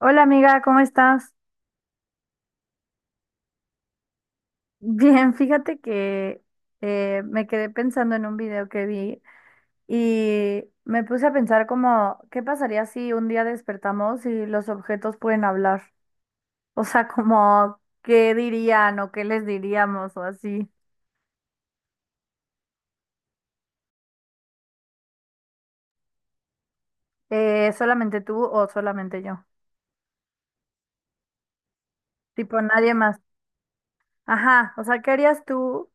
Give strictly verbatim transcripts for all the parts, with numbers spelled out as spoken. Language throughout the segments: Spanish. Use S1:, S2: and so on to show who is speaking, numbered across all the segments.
S1: Hola amiga, ¿cómo estás? Bien, fíjate que eh, me quedé pensando en un video que vi y me puse a pensar como, ¿qué pasaría si un día despertamos y los objetos pueden hablar? O sea, como, ¿qué dirían o qué les diríamos o así? Eh, ¿solamente tú o solamente yo? Tipo, nadie más. Ajá, o sea, ¿qué harías tú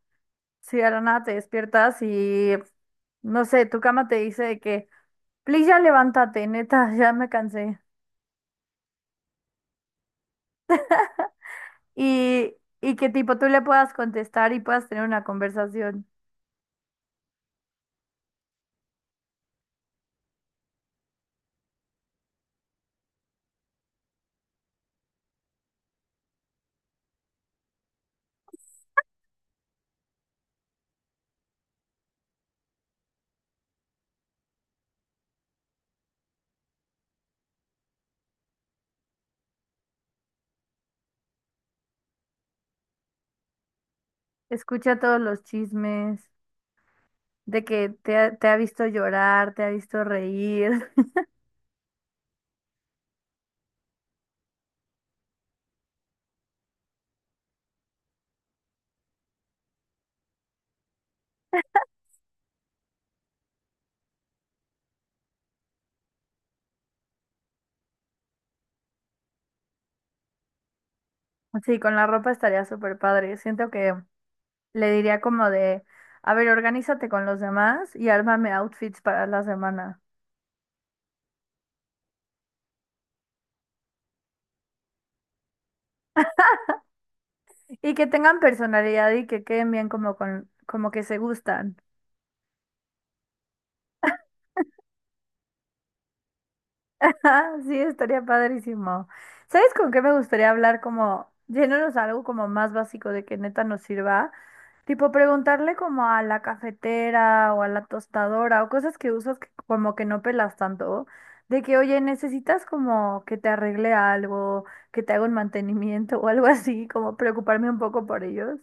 S1: si de la nada te despiertas y, no sé, tu cama te dice de que, please ya levántate, neta, ya me cansé? y, y que tipo tú le puedas contestar y puedas tener una conversación. Escucha todos los chismes de que te ha, te ha visto llorar, te ha visto reír. Sí, con la ropa estaría súper padre. Siento que le diría como de, a ver, organízate con los demás y ármame outfits para la semana. Y que tengan personalidad y que queden bien como con, como que se gustan. Ah, sí, estaría padrísimo. ¿Sabes con qué me gustaría hablar? Como yéndonos a algo como más básico de que neta nos sirva. Tipo preguntarle como a la cafetera o a la tostadora o cosas que usas que como que no pelas tanto. De que, oye, necesitas como que te arregle algo, que te haga un mantenimiento o algo así, como preocuparme un poco por ellos.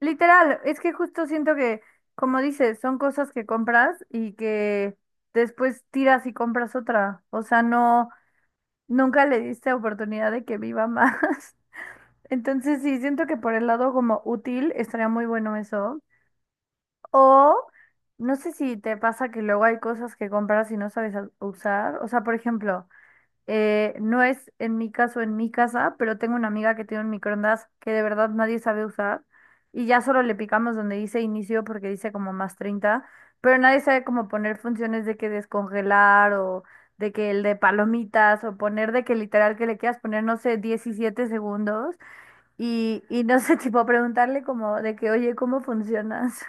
S1: Literal, es que justo siento que, como dices, son cosas que compras y que después tiras y compras otra. O sea, no. Nunca le diste oportunidad de que viva más. Entonces sí, siento que por el lado como útil estaría muy bueno eso. O no sé si te pasa que luego hay cosas que compras y no sabes a- usar. O sea, por ejemplo, eh, no es en mi caso en mi casa, pero tengo una amiga que tiene un microondas que de verdad nadie sabe usar y ya solo le picamos donde dice inicio porque dice como más treinta, pero nadie sabe cómo poner funciones de que descongelar o de que el de palomitas o poner de que literal que le quieras poner, no sé, diecisiete segundos y, y no sé, tipo preguntarle como de que, oye, ¿cómo funcionas?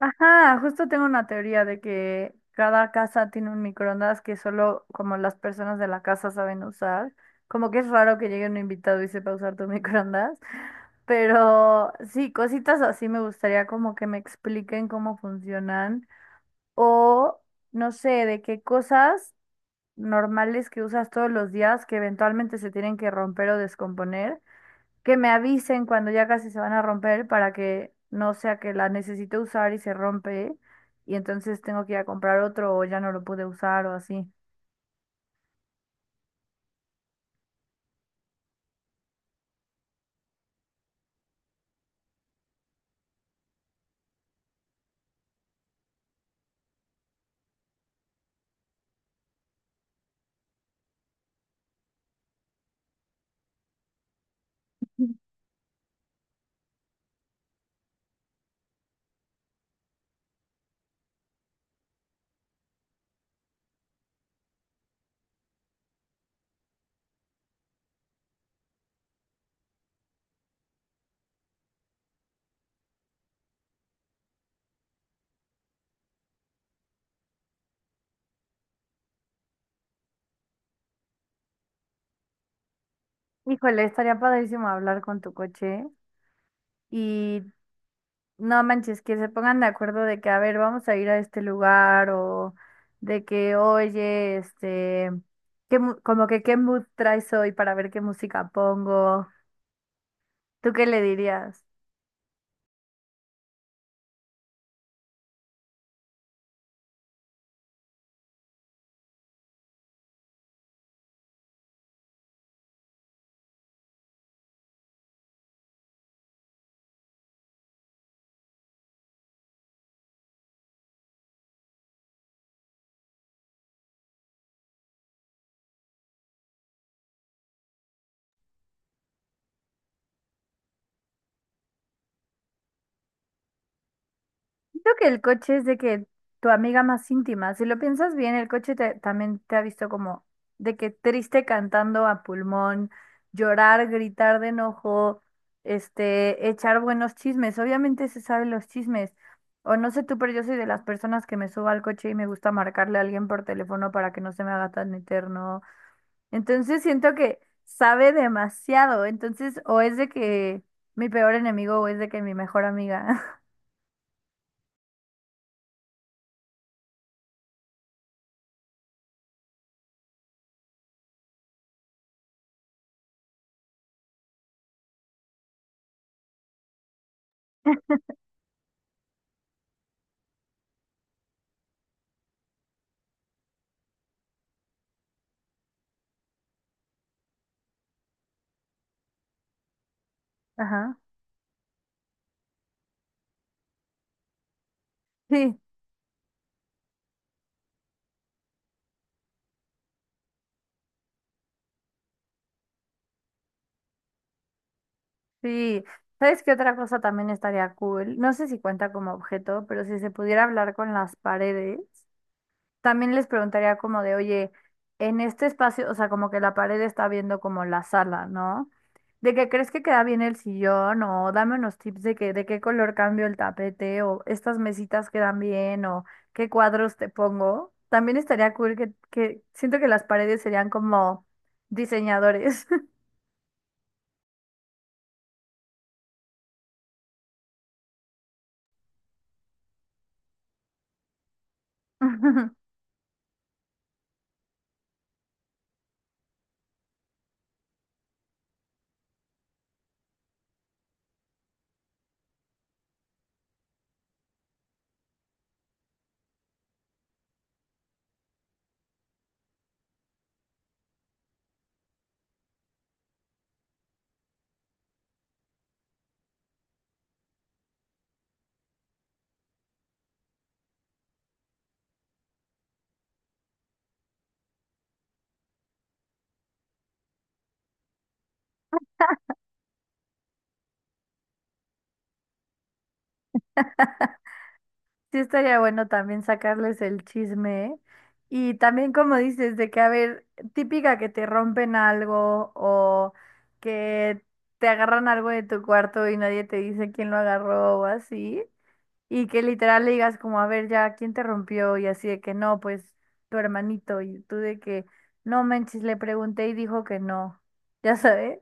S1: Ajá, justo tengo una teoría de que cada casa tiene un microondas que solo como las personas de la casa saben usar. Como que es raro que llegue un invitado y sepa usar tu microondas. Pero sí, cositas así me gustaría como que me expliquen cómo funcionan. O no sé, de qué cosas normales que usas todos los días que eventualmente se tienen que romper o descomponer, que me avisen cuando ya casi se van a romper para que no sea que la necesite usar y se rompe y entonces tengo que ir a comprar otro o ya no lo pude usar o así. Híjole, estaría padrísimo hablar con tu coche y no manches, que se pongan de acuerdo de que, a ver, vamos a ir a este lugar o de que, oye, este, qué mu- como que qué mood traes hoy para ver qué música pongo. ¿Tú qué le dirías? Creo que el coche es de que tu amiga más íntima, si lo piensas bien, el coche te- también te ha visto como de que triste cantando a pulmón, llorar, gritar de enojo, este, echar buenos chismes. Obviamente se saben los chismes. O no sé tú, pero yo soy de las personas que me subo al coche y me gusta marcarle a alguien por teléfono para que no se me haga tan eterno. Entonces siento que sabe demasiado. Entonces, o es de que mi peor enemigo o es de que mi mejor amiga. Ajá. Sí. Sí, ¿sabes qué otra cosa también estaría cool? No sé si cuenta como objeto, pero si se pudiera hablar con las paredes, también les preguntaría como de, oye, en este espacio, o sea, como que la pared está viendo como la sala, ¿no? ¿De que crees que queda bien el sillón? O dame unos tips de que, de qué color cambio el tapete, o estas mesitas quedan bien, o qué cuadros te pongo. También estaría cool que, que siento que las paredes serían como diseñadores. Sí, estaría bueno también sacarles el chisme, ¿eh? Y también como dices, de que, a ver, típica que te rompen algo o que te agarran algo de tu cuarto y nadie te dice quién lo agarró o así, y que literal le digas como, a ver, ya, ¿quién te rompió? Y así de que no, pues tu hermanito, y tú de que, no manches, le pregunté y dijo que no, ya sabes.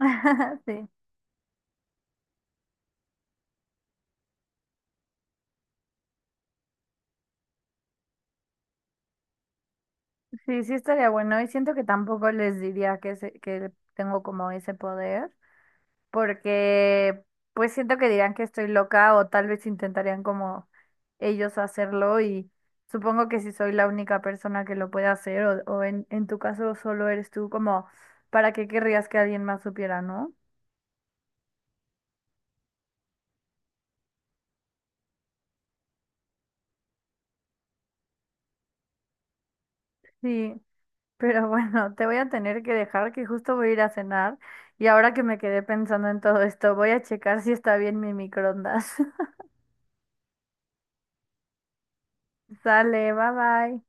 S1: Sí, sí, sí estaría bueno y siento que tampoco les diría que, se- que tengo como ese poder. Porque pues siento que dirán que estoy loca o tal vez intentarían como ellos hacerlo y supongo que si soy la única persona que lo puede hacer o, o en, en tu caso solo eres tú, como para qué querrías que alguien más supiera, ¿no? Sí, pero bueno, te voy a tener que dejar que justo voy a ir a cenar y ahora que me quedé pensando en todo esto, voy a checar si está bien mi microondas. Sale, bye bye.